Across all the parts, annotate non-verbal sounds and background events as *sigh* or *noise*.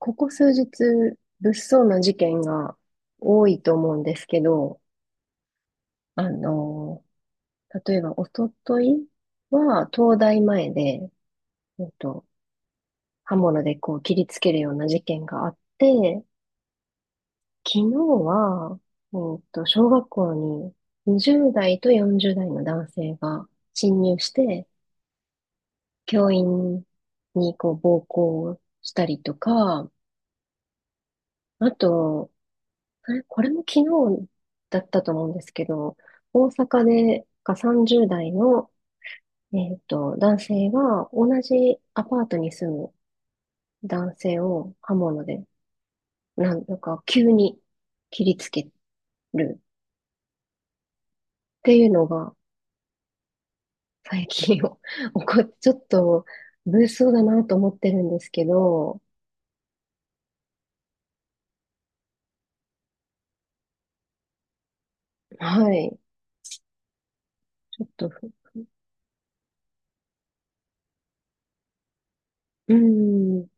ここ数日、物騒な事件が多いと思うんですけど、あの、例えば、おとといは、東大前で、えっと、刃物でこう切りつけるような事件があって、昨日は、小学校に20代と40代の男性が侵入して、教員にこう暴行したりとか、あと、これも昨日だったと思うんですけど、大阪でが30代の、男性が同じアパートに住む男性を刃物で、なんとか急に切りつけるっていうのが最近 *laughs* 起こっ、*laughs* ちょっと物騒だなと思ってるんですけど。はい。ちょっと。うん。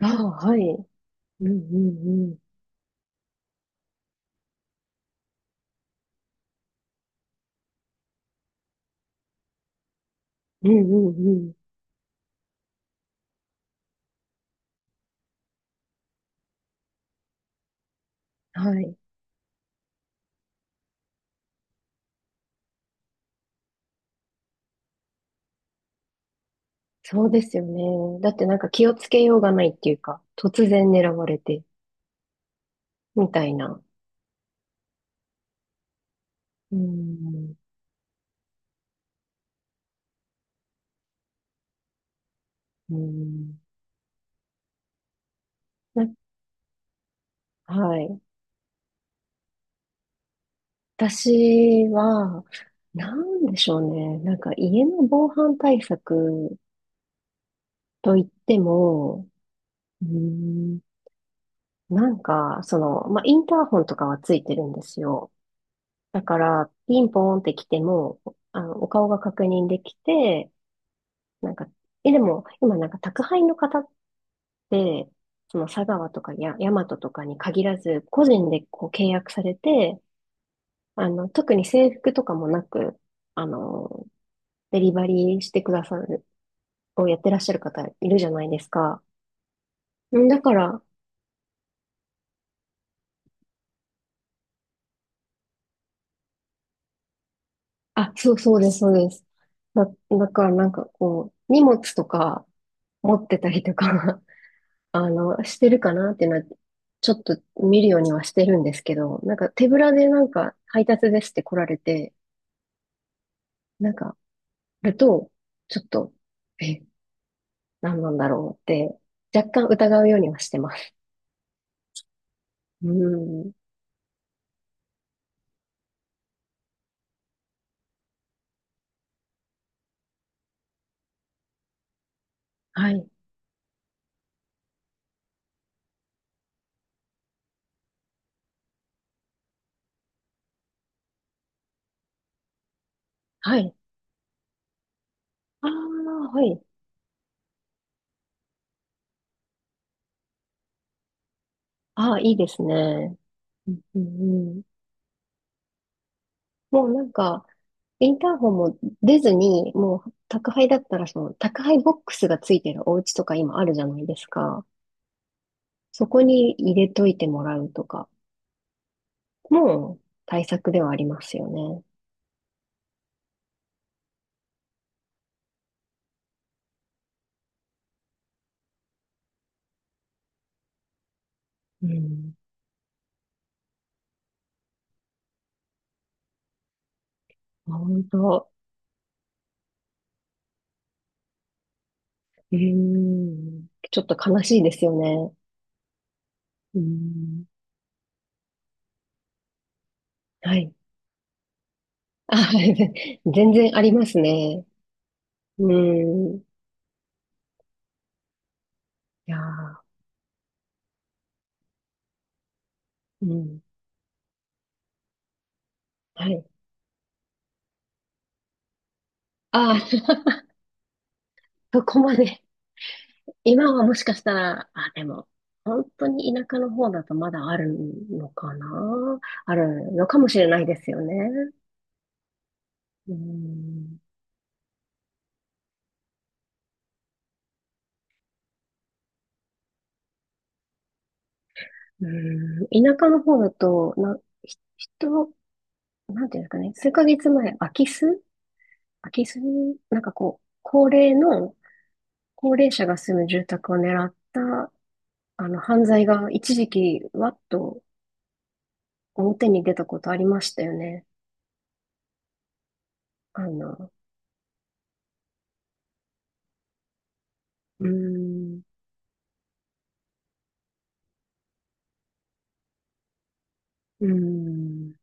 ああ、はい。うんうんうん。うんうんうん。はい。そうですよね。だってなんか気をつけようがないっていうか、突然狙われて、みたいな。うん。うん。な、はい。私は、なんでしょうね。なんか家の防犯対策といっても、うん、なんか、まあ、インターホンとかはついてるんですよ。だから、ピンポーンって来ても、お顔が確認できて、なんか、え、でも、今なんか宅配の方で、その佐川とかや、大和とかに限らず、個人でこう契約されて、特に制服とかもなく、あの、デリバリーしてくださる、をやってらっしゃる方いるじゃないですか。んだから、あ、そうそうです、そうです。だからなんかこう、荷物とか持ってたりとか *laughs* してるかなってな、ちょっと見るようにはしてるんですけど、なんか手ぶらでなんか配達ですって来られて、なんか、ると、ちょっと、え、何なんだろうって、若干疑うようにはしてます。うん。はい。はい。ああ、はい。ああ、いいですね。うん、うん、うん。もうなんか、インターホンも出ずに、もう宅配だったら、その宅配ボックスがついてるお家とか今あるじゃないですか。そこに入れといてもらうとか、もう対策ではありますよね。うん。あ本当。うん。ちょっと悲しいですよね。うん。はい。あ、*laughs* はい。*laughs* 全然ありますね。うん。いやー、うん。はい。あー、*laughs* そこまで。今はもしかしたら、あ、でも、本当に田舎の方だとまだあるのかなあるのかもしれないですよね。うん。うん。田舎の方だと、な、ひ人、なんていうんですかね。数ヶ月前、空き巣なんかこう、高齢者が住む住宅を狙った犯罪が一時期、わっと表に出たことありましたよね。あの、うーん、うーん。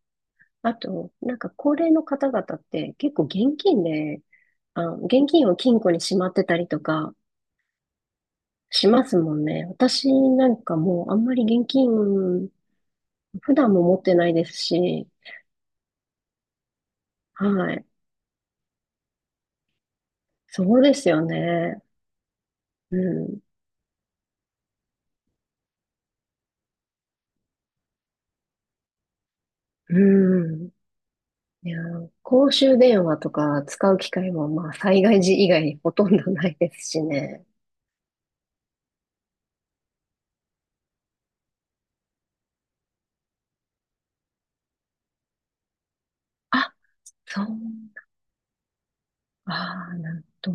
あと、なんか高齢の方々って結構現金で、あ、現金を金庫にしまってたりとかしますもんね。私なんかもうあんまり現金、普段も持ってないですし、はい。そうですよね。うん、うん。いやー、公衆電話とか使う機会もまあ災害時以外にほとんどないですしね。あ、そう。ああ、なんと。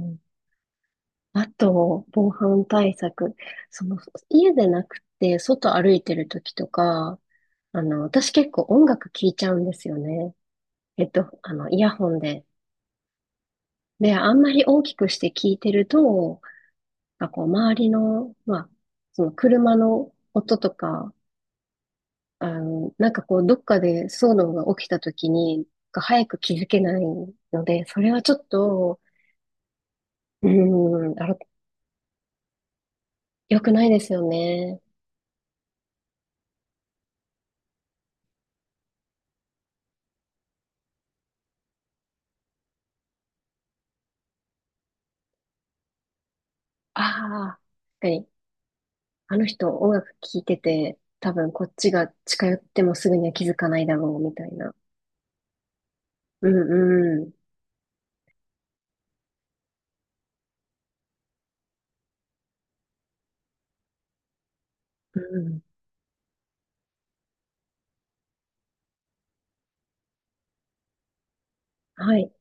あと、防犯対策。その、家でなくて、外歩いてる時とか、私結構音楽聴いちゃうんですよね。イヤホンで。で、あんまり大きくして聴いてると、なんかこう、周りの、まあ、その車の音とかなんかこう、どっかで騒動が起きた時に、早く気づけないので、それはちょっと、うーん、あら、良くないですよね。ああ、確かに。あの人音楽聴いてて、多分こっちが近寄ってもすぐには気づかないだろう、みたいな。うんうん。うん。はい。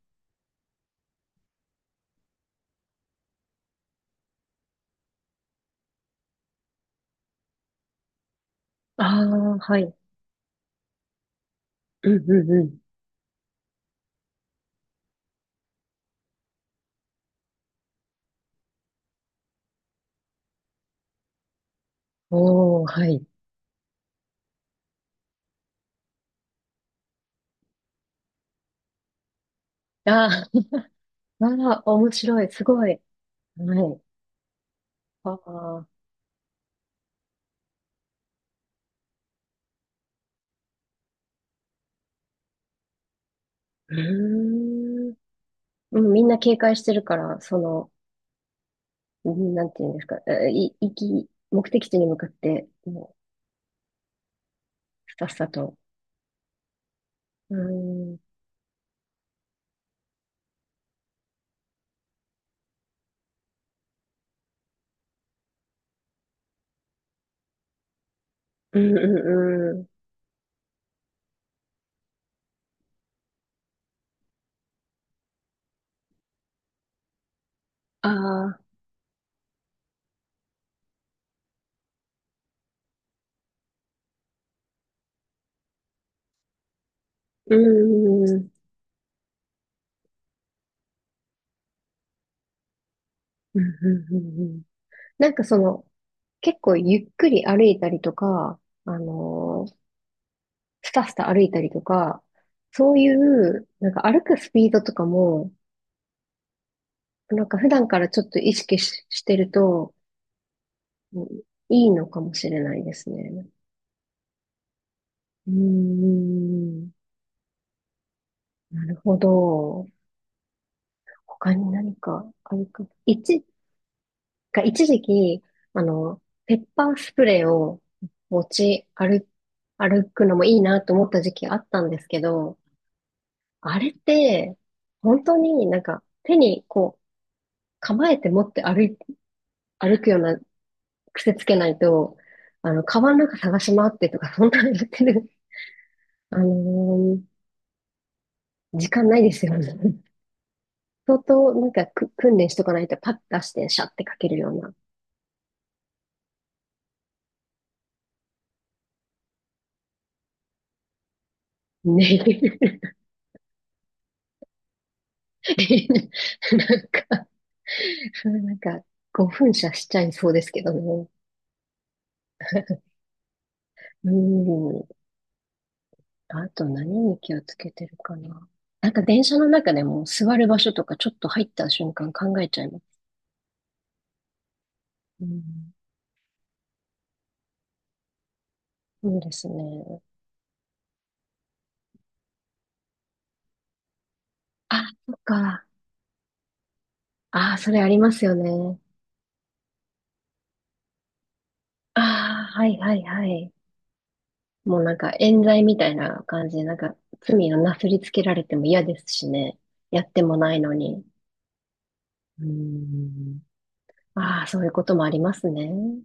ああ、はい。うんうんうん。おー、はい。あー *laughs* あー、面白い。すごい。はい。ああ、うーん。うん、みんな警戒してるから、その、うんなんていうんですか、えい、行き、目的地に向かって、もう、さっさと。うん、うん、うん、うん。ああ、うん、うん、うん、うんうんうん。なんかその、結構ゆっくり歩いたりとか、あのースタスタ歩いたりとか、そういう、なんか歩くスピードとかも、なんか普段からちょっと意識し、してると、うんいいのかもしれないですね。うん。なるほど。他に何かあるか。一、が一時期、あの、ペッパースプレーを持ち歩、歩くのもいいなと思った時期あったんですけど、あれって、本当になんか手にこう構えて持って歩い、歩くような癖つけないと、あの、カバンの中探し回ってとか、そんなのやってる、あのー時間ないですよね。相当なんかく訓練しとかないとパッと出してシャッてかけるような。ね。*laughs* なんか、なんか、5分射しちゃいそうですけどね。*laughs* うん。あと何に気をつけてるかな。なんか電車の中でも座る場所とかちょっと入った瞬間考えちゃいます。うん。そうですね。あ、そっか。ああ、それありますよね。ああ、はいはいはい。もうなんか冤罪みたいな感じで、なんか罪をなすりつけられても嫌ですしね。やってもないのに。うん。ああ、そういうこともありますね。